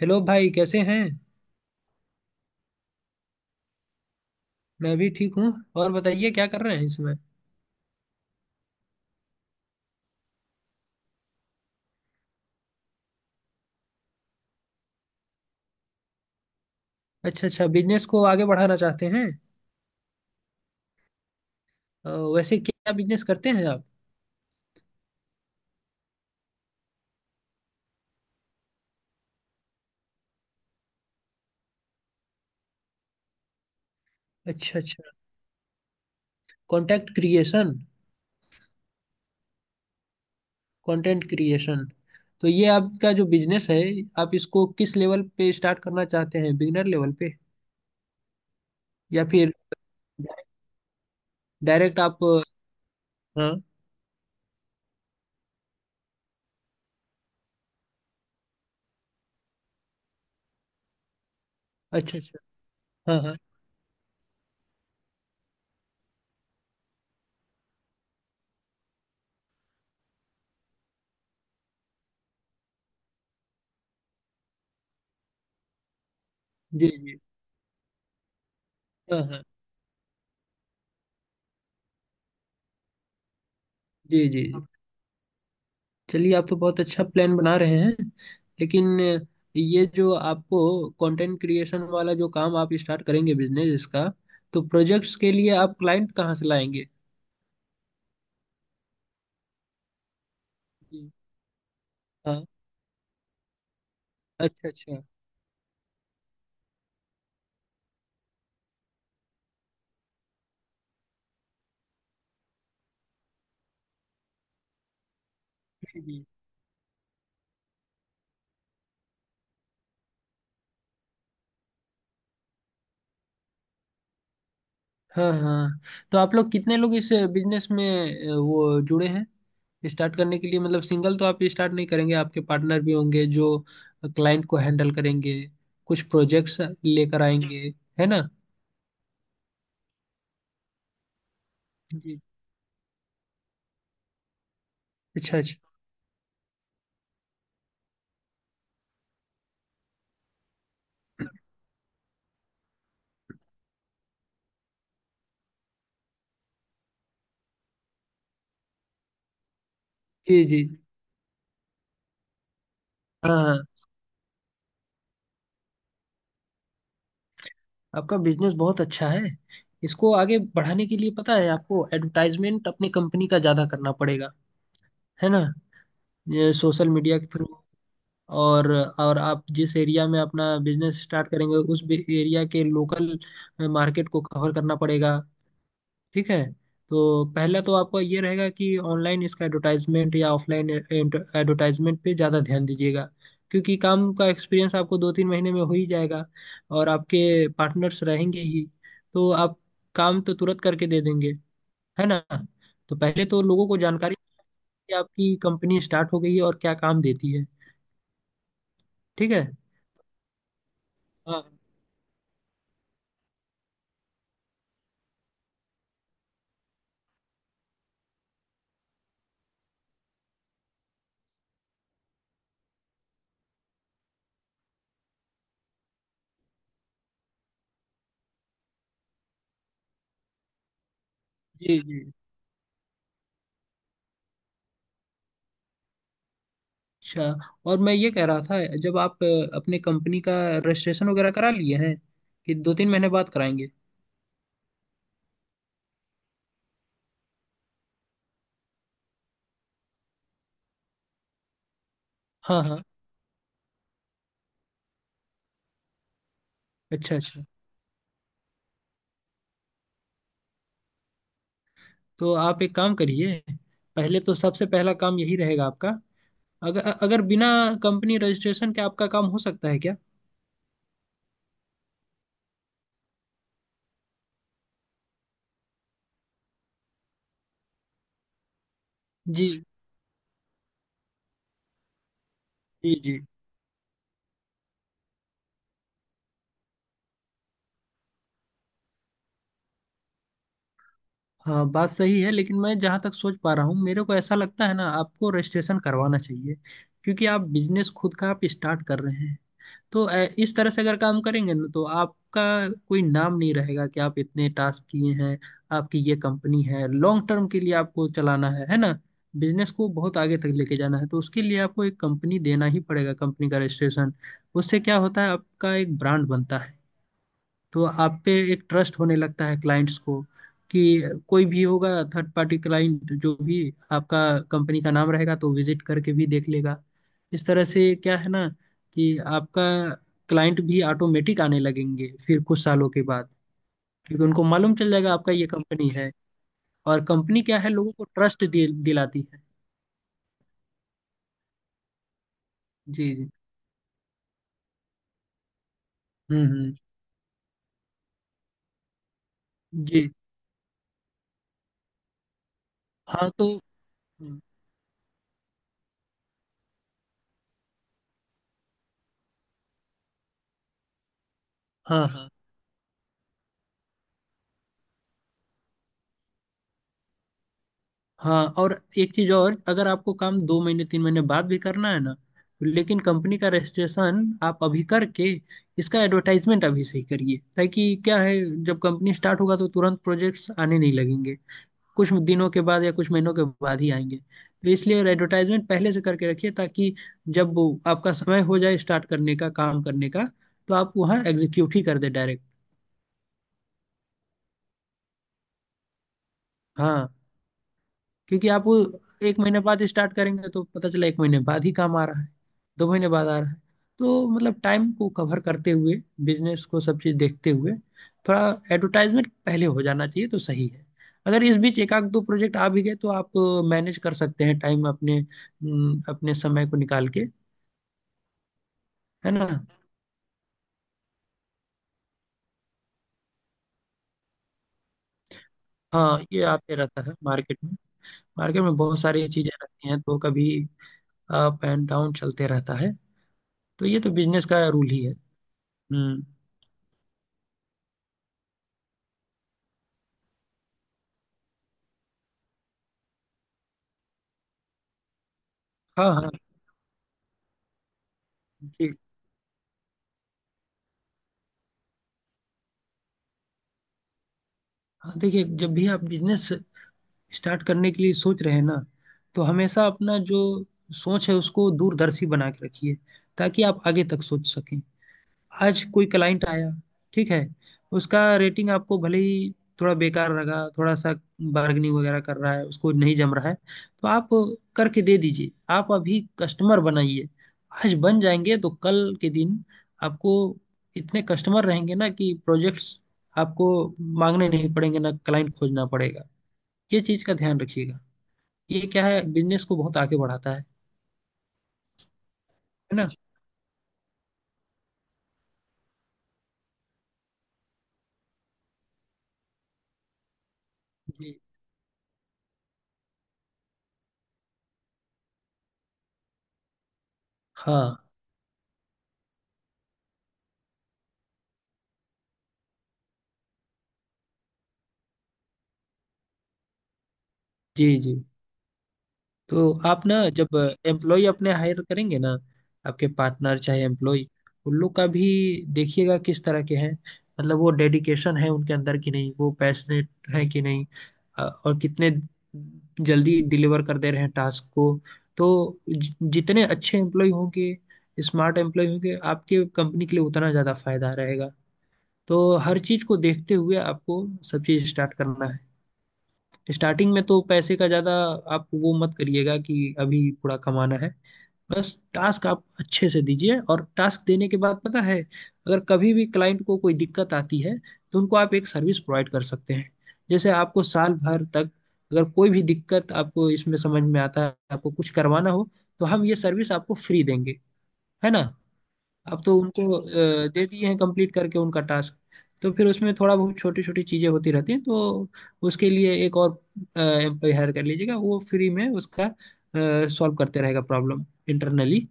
Hello भाई कैसे हैं। मैं भी ठीक हूँ। और बताइए क्या कर रहे हैं इसमें। अच्छा अच्छा, बिजनेस को आगे बढ़ाना चाहते हैं। अ, वैसे क्या बिजनेस करते हैं आप। अच्छा अच्छा। Content creation. कंटेंट क्रिएशन, तो ये आपका जो बिजनेस है, आप इसको किस लेवल पे स्टार्ट करना चाहते हैं, बिगिनर लेवल पे या फिर डायरेक्ट आप। हाँ। अच्छा अच्छा। हाँ हाँ। जी जी। हाँ हाँ। जी जी। चलिए, आप तो बहुत अच्छा प्लान बना रहे हैं। लेकिन ये जो आपको कंटेंट क्रिएशन वाला जो काम आप स्टार्ट करेंगे बिजनेस इसका, तो प्रोजेक्ट्स के लिए आप क्लाइंट कहाँ से लाएंगे। जी। हाँ। अच्छा अच्छा। जी, जी। हाँ हाँ। तो आप लोग कितने लोग इस बिजनेस में वो जुड़े हैं स्टार्ट करने के लिए, मतलब सिंगल तो आप स्टार्ट नहीं करेंगे, आपके पार्टनर भी होंगे जो क्लाइंट को हैंडल करेंगे, कुछ प्रोजेक्ट्स लेकर आएंगे, है ना। जी। अच्छा अच्छा। जी जी। हाँ हाँ। आपका बिजनेस बहुत अच्छा है। इसको आगे बढ़ाने के लिए पता है आपको एडवर्टाइजमेंट अपनी कंपनी का ज़्यादा करना पड़ेगा, है ना। ये सोशल मीडिया के थ्रू। और और आप जिस एरिया में अपना बिजनेस स्टार्ट करेंगे उस एरिया के लोकल मार्केट को कवर करना पड़ेगा। ठीक है। तो पहला तो आपका ये रहेगा कि ऑनलाइन इसका एडवर्टाइजमेंट या ऑफलाइन एडवर्टाइजमेंट पे ज़्यादा ध्यान दीजिएगा, क्योंकि काम का एक्सपीरियंस आपको दो तीन महीने में हो ही जाएगा और आपके पार्टनर्स रहेंगे ही, तो आप काम तो तुरंत करके दे देंगे, है ना। तो पहले तो लोगों को जानकारी कि आपकी कंपनी स्टार्ट हो गई है और क्या काम देती है। ठीक है। हाँ। जी जी। अच्छा, और मैं ये कह रहा था, जब आप अपने कंपनी का रजिस्ट्रेशन वगैरह करा लिए हैं कि दो तीन महीने बाद कराएंगे। हाँ हाँ। अच्छा अच्छा। तो आप एक काम करिए, पहले तो सबसे पहला काम यही रहेगा आपका, अगर अगर बिना कंपनी रजिस्ट्रेशन के आपका काम हो सकता है क्या। जी जी जी। हाँ बात सही है, लेकिन मैं जहाँ तक सोच पा रहा हूँ मेरे को ऐसा लगता है ना, आपको रजिस्ट्रेशन करवाना चाहिए, क्योंकि आप बिजनेस खुद का आप स्टार्ट कर रहे हैं। तो इस तरह से अगर काम करेंगे ना तो आपका कोई नाम नहीं रहेगा कि आप इतने टास्क किए हैं। आपकी ये कंपनी है, लॉन्ग टर्म के लिए आपको चलाना है ना। बिजनेस को बहुत आगे तक लेके जाना है, तो उसके लिए आपको एक कंपनी देना ही पड़ेगा, कंपनी का रजिस्ट्रेशन। उससे क्या होता है, आपका एक ब्रांड बनता है, तो आप पे एक ट्रस्ट होने लगता है क्लाइंट्स को, कि कोई भी होगा थर्ड पार्टी क्लाइंट जो भी, आपका कंपनी का नाम रहेगा तो विजिट करके भी देख लेगा। इस तरह से क्या है ना, कि आपका क्लाइंट भी ऑटोमेटिक आने लगेंगे फिर कुछ सालों के बाद, क्योंकि उनको मालूम चल जाएगा आपका ये कंपनी है। और कंपनी क्या है, लोगों को ट्रस्ट दिलाती है। जी जी। हम्म। जी। हाँ। तो हाँ हाँ। हाँ, और एक चीज और, अगर आपको काम दो महीने तीन महीने बाद भी करना है ना, लेकिन कंपनी का रजिस्ट्रेशन आप अभी करके इसका एडवर्टाइजमेंट अभी से ही करिए, ताकि क्या है, जब कंपनी स्टार्ट होगा तो तुरंत प्रोजेक्ट्स आने नहीं लगेंगे, कुछ दिनों के बाद या कुछ महीनों के बाद ही आएंगे, तो इसलिए एडवर्टाइजमेंट पहले से करके रखिए ताकि जब वो आपका समय हो जाए स्टार्ट करने का काम करने का तो आप वहाँ एग्जीक्यूट ही कर दे डायरेक्ट। हाँ, क्योंकि आप वो एक महीने बाद स्टार्ट करेंगे तो पता चला एक महीने बाद ही काम आ रहा है, दो महीने बाद आ रहा है, तो मतलब टाइम को कवर करते हुए बिजनेस को सब चीज़ देखते हुए थोड़ा एडवर्टाइजमेंट पहले हो जाना चाहिए तो सही है। अगर इस बीच एक आध दो प्रोजेक्ट आ भी गए तो आप मैनेज कर सकते हैं टाइम अपने अपने समय को निकाल के, है ना। हाँ, ये आते रहता है मार्केट में। मार्केट में बहुत सारी चीज़ें रहती हैं तो कभी अप एंड डाउन चलते रहता है, तो ये तो बिजनेस का रूल ही है। हम्म। हाँ हाँ। जी। हाँ देखिए, जब भी आप बिजनेस स्टार्ट करने के लिए सोच रहे हैं ना, तो हमेशा अपना जो सोच है उसको दूरदर्शी बना के रखिए, ताकि आप आगे तक सोच सकें। आज कोई क्लाइंट आया, ठीक है, उसका रेटिंग आपको भले ही थोड़ा बेकार लगा, थोड़ा सा बार्गेनिंग वगैरह कर रहा है, उसको नहीं जम रहा है, तो आप करके दे दीजिए, आप अभी कस्टमर बनाइए। आज बन जाएंगे तो कल के दिन आपको इतने कस्टमर रहेंगे ना कि प्रोजेक्ट्स आपको मांगने नहीं पड़ेंगे, ना क्लाइंट खोजना पड़ेगा। ये चीज का ध्यान रखिएगा, ये क्या है, बिजनेस को बहुत आगे बढ़ाता है ना। जी। हाँ। जी जी। तो आप ना जब एम्प्लॉय अपने हायर करेंगे ना, आपके पार्टनर चाहे एम्प्लॉय, उन लोग का भी देखिएगा किस तरह के हैं, मतलब वो डेडिकेशन है उनके अंदर कि नहीं, वो पैशनेट है कि नहीं, और कितने जल्दी डिलीवर कर दे रहे हैं टास्क को। तो जितने अच्छे एम्प्लॉय होंगे, स्मार्ट एम्प्लॉय होंगे आपके कंपनी के लिए, उतना ज़्यादा फायदा रहेगा। तो हर चीज़ को देखते हुए आपको सब चीज़ स्टार्ट करना है। स्टार्टिंग में तो पैसे का ज़्यादा आप वो मत करिएगा कि अभी थोड़ा कमाना है, बस टास्क आप अच्छे से दीजिए। और टास्क देने के बाद पता है, अगर कभी भी क्लाइंट को कोई दिक्कत आती है तो उनको आप एक सर्विस प्रोवाइड कर सकते हैं, जैसे आपको साल भर तक अगर कोई भी दिक्कत आपको इसमें समझ में आता है, आपको कुछ करवाना हो, तो हम ये सर्विस आपको फ्री देंगे, है ना। अब तो उनको दे दिए हैं कंप्लीट करके उनका टास्क, तो फिर उसमें थोड़ा बहुत छोटी छोटी चीजें होती रहती हैं, तो उसके लिए एक और एम्प्लॉय हायर कर लीजिएगा, वो फ्री में उसका सॉल्व करते रहेगा प्रॉब्लम इंटरनली।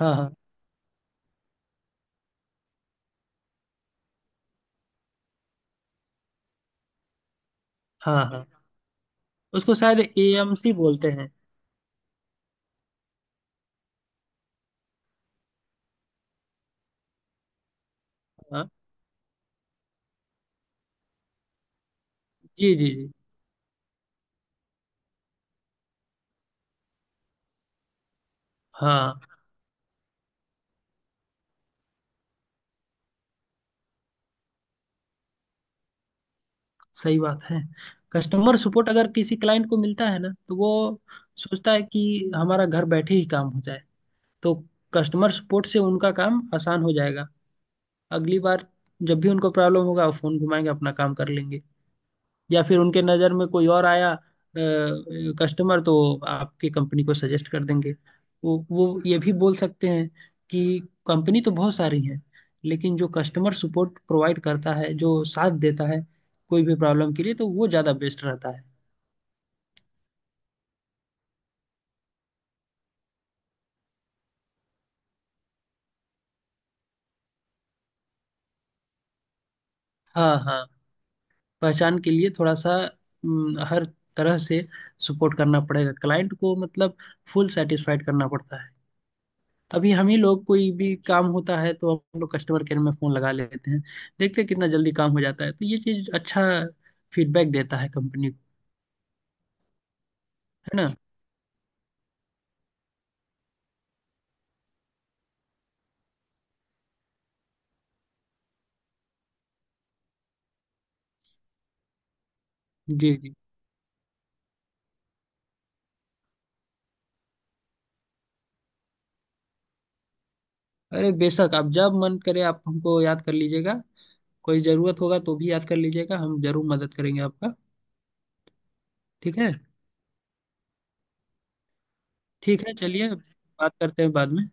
हाँ हाँ। हाँ हाँ। उसको शायद एएमसी बोलते हैं। हाँ। जी जी जी। हाँ सही बात है। कस्टमर सपोर्ट अगर किसी क्लाइंट को मिलता है ना तो वो सोचता है कि हमारा घर बैठे ही काम हो जाए, तो कस्टमर सपोर्ट से उनका काम आसान हो जाएगा। अगली बार जब भी उनको प्रॉब्लम होगा वो फोन घुमाएंगे, अपना काम कर लेंगे, या फिर उनके नज़र में कोई और आया कस्टमर, तो आपकी कंपनी को सजेस्ट कर देंगे। वो ये भी बोल सकते हैं कि कंपनी तो बहुत सारी है, लेकिन जो कस्टमर सपोर्ट प्रोवाइड करता है, जो साथ देता है कोई भी प्रॉब्लम के लिए, तो वो ज़्यादा बेस्ट रहता है। हाँ हाँ, पहचान के लिए थोड़ा सा, हर तरह से सपोर्ट करना पड़ेगा क्लाइंट को, मतलब फुल सेटिस्फाइड करना पड़ता है। अभी हम ही लोग कोई भी काम होता है तो हम लोग कस्टमर केयर में फोन लगा लेते हैं, देखते हैं कितना जल्दी काम हो जाता है, तो ये चीज अच्छा फीडबैक देता है कंपनी को, है ना। जी जी। अरे बेशक, आप जब मन करे आप हमको याद कर लीजिएगा, कोई जरूरत होगा तो भी याद कर लीजिएगा, हम जरूर मदद करेंगे आपका। ठीक है। ठीक है चलिए, बात करते हैं बाद में।